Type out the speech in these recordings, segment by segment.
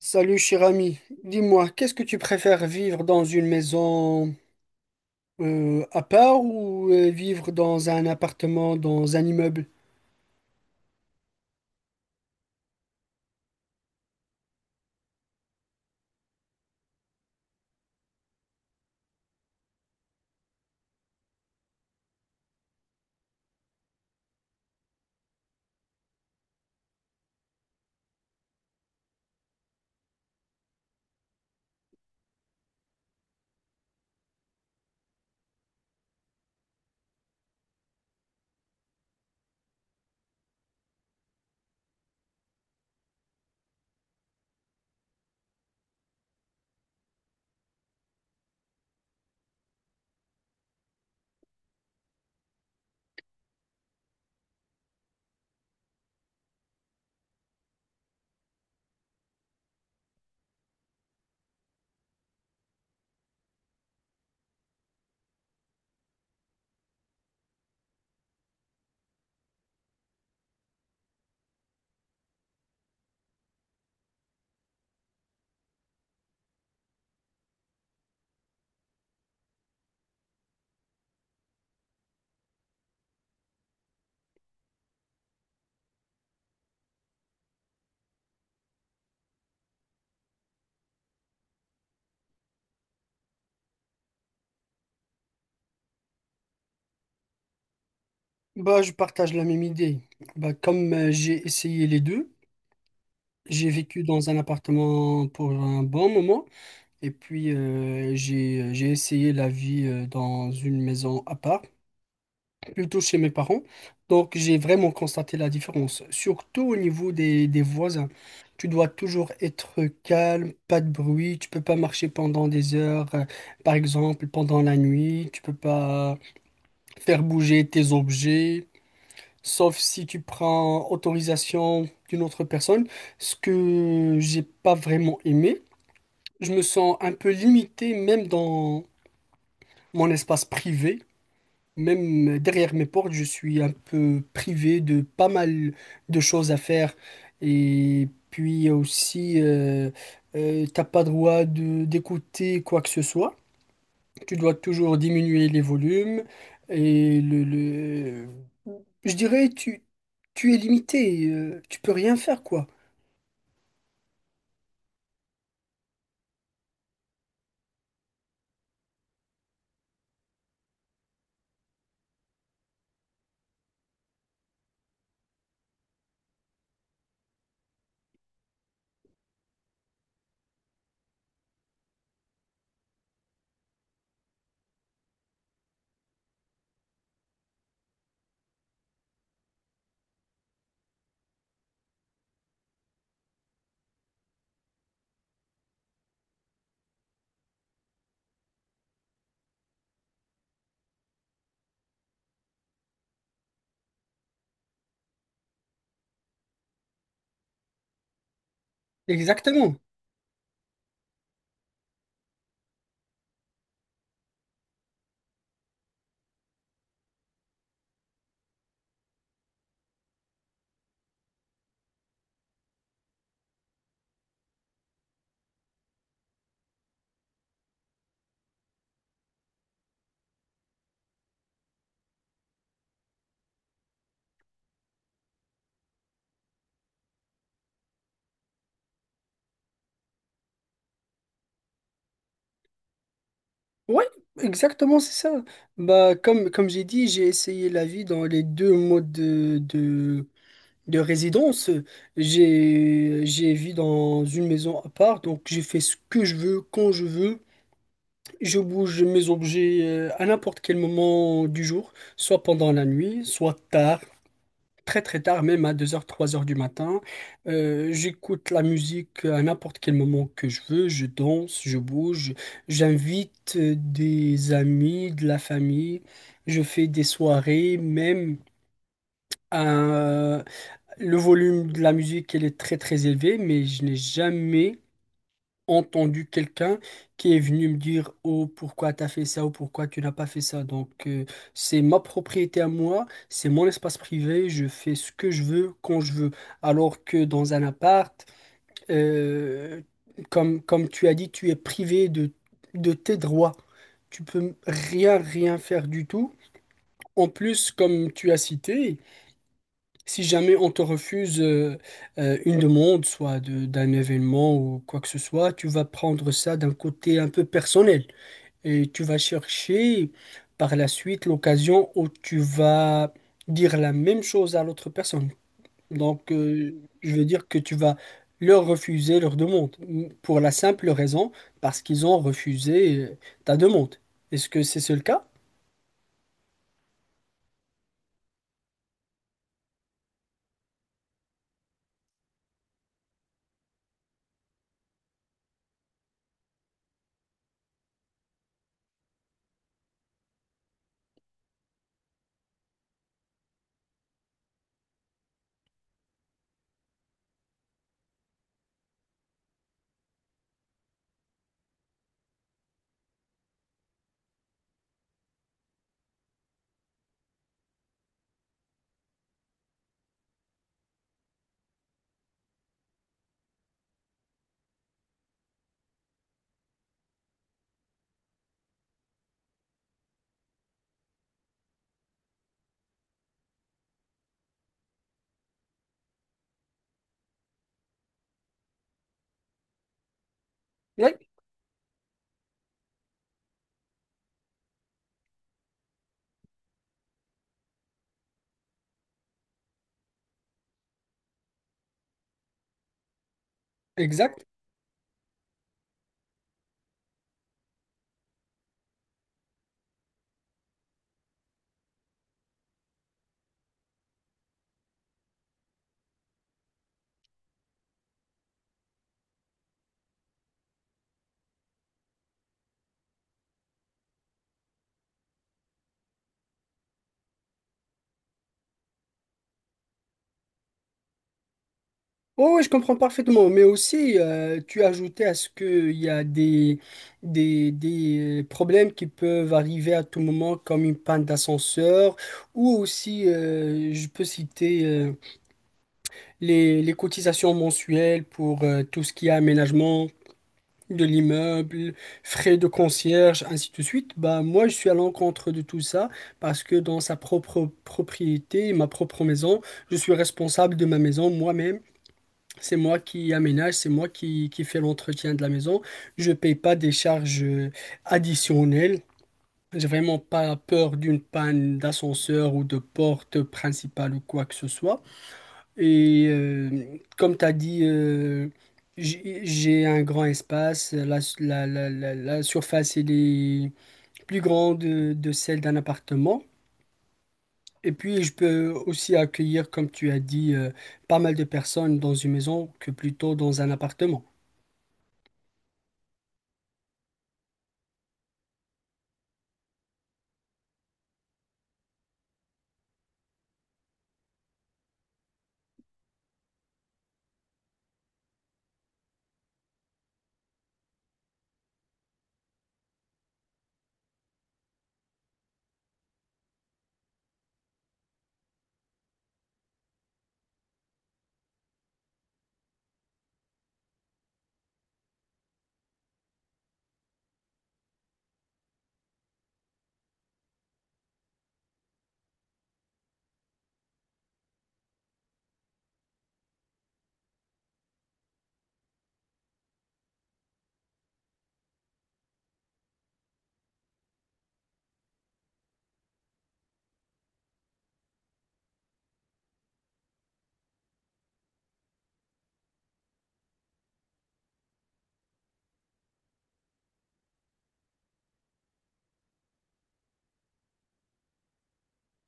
Salut cher ami, dis-moi, qu'est-ce que tu préfères, vivre dans une maison à part, ou vivre dans un appartement, dans un immeuble? Bah, je partage la même idée. Bah, comme j'ai essayé les deux, j'ai vécu dans un appartement pour un bon moment et puis j'ai essayé la vie dans une maison à part, plutôt chez mes parents. Donc, j'ai vraiment constaté la différence, surtout au niveau des voisins. Tu dois toujours être calme, pas de bruit, tu peux pas marcher pendant des heures, par exemple pendant la nuit, tu peux pas faire bouger tes objets, sauf si tu prends autorisation d'une autre personne, ce que j'ai pas vraiment aimé. Je me sens un peu limité même dans mon espace privé. Même derrière mes portes, je suis un peu privé de pas mal de choses à faire. Et puis aussi, t'as pas droit de d'écouter quoi que ce soit. Tu dois toujours diminuer les volumes. Et je dirais, tu es limité. Tu peux rien faire, quoi. Exactement. Ouais, exactement, c'est ça. Bah, comme, comme j'ai dit, j'ai essayé la vie dans les deux modes de résidence, j'ai vécu dans une maison à part, donc j'ai fait ce que je veux, quand je veux. Je bouge mes objets à n'importe quel moment du jour, soit pendant la nuit, soit tard, très très tard, même à 2 heures, 3 heures du matin. J'écoute la musique à n'importe quel moment que je veux, je danse, je bouge, j'invite des amis, de la famille, je fais des soirées, même à, le volume de la musique, elle est très très élevé, mais je n'ai jamais entendu quelqu'un qui est venu me dire «Oh, pourquoi t'as fait ça?» ou «Pourquoi tu n'as pas fait ça?» Donc, c'est ma propriété à moi, c'est mon espace privé, je fais ce que je veux, quand je veux. Alors que dans un appart, euh, comme, comme tu as dit, tu es privé de tes droits. Tu peux rien, rien faire du tout. En plus, comme tu as cité, si jamais on te refuse une demande, d'un événement ou quoi que ce soit, tu vas prendre ça d'un côté un peu personnel et tu vas chercher par la suite l'occasion où tu vas dire la même chose à l'autre personne. Donc, je veux dire que tu vas leur refuser leur demande pour la simple raison parce qu'ils ont refusé ta demande. Est-ce que c'est ce le cas? Oui, exact. Oui, je comprends parfaitement, mais aussi tu as ajouté à ce qu'il y a des, des problèmes qui peuvent arriver à tout moment, comme une panne d'ascenseur, ou aussi je peux citer les cotisations mensuelles pour tout ce qui est aménagement de l'immeuble, frais de concierge, ainsi de suite. Bah, moi, je suis à l'encontre de tout ça parce que dans sa propre propriété, ma propre maison, je suis responsable de ma maison moi-même. C'est moi qui aménage, c'est moi qui fais l'entretien de la maison. Je paye pas des charges additionnelles. J'ai vraiment pas peur d'une panne d'ascenseur ou de porte principale ou quoi que ce soit. Et comme tu as dit, j'ai un grand espace. La surface, elle est plus grande de celle d'un appartement. Et puis, je peux aussi accueillir, comme tu as dit, pas mal de personnes dans une maison que plutôt dans un appartement.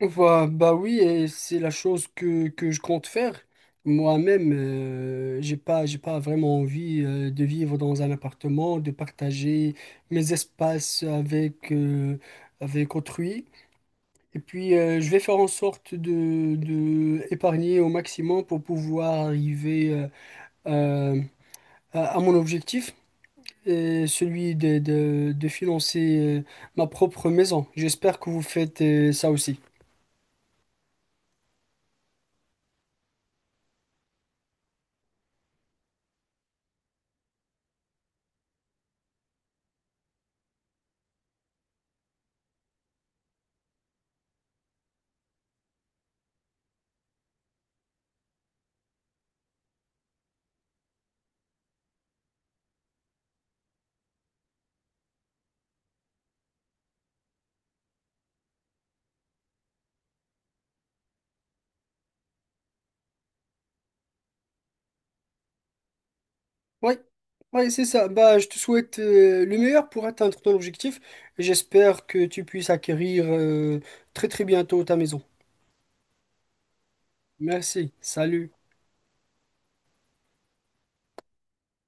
Bah, bah oui, et c'est la chose que je compte faire. Moi-même, j'ai pas vraiment envie de vivre dans un appartement, de partager mes espaces avec, avec autrui. Et puis, je vais faire en sorte de épargner au maximum pour pouvoir arriver euh, à mon objectif, et celui de financer ma propre maison. J'espère que vous faites ça aussi. Oui, oui, c'est ça. Bah, je te souhaite le meilleur pour atteindre ton objectif. J'espère que tu puisses acquérir très très bientôt ta maison. Merci. Salut.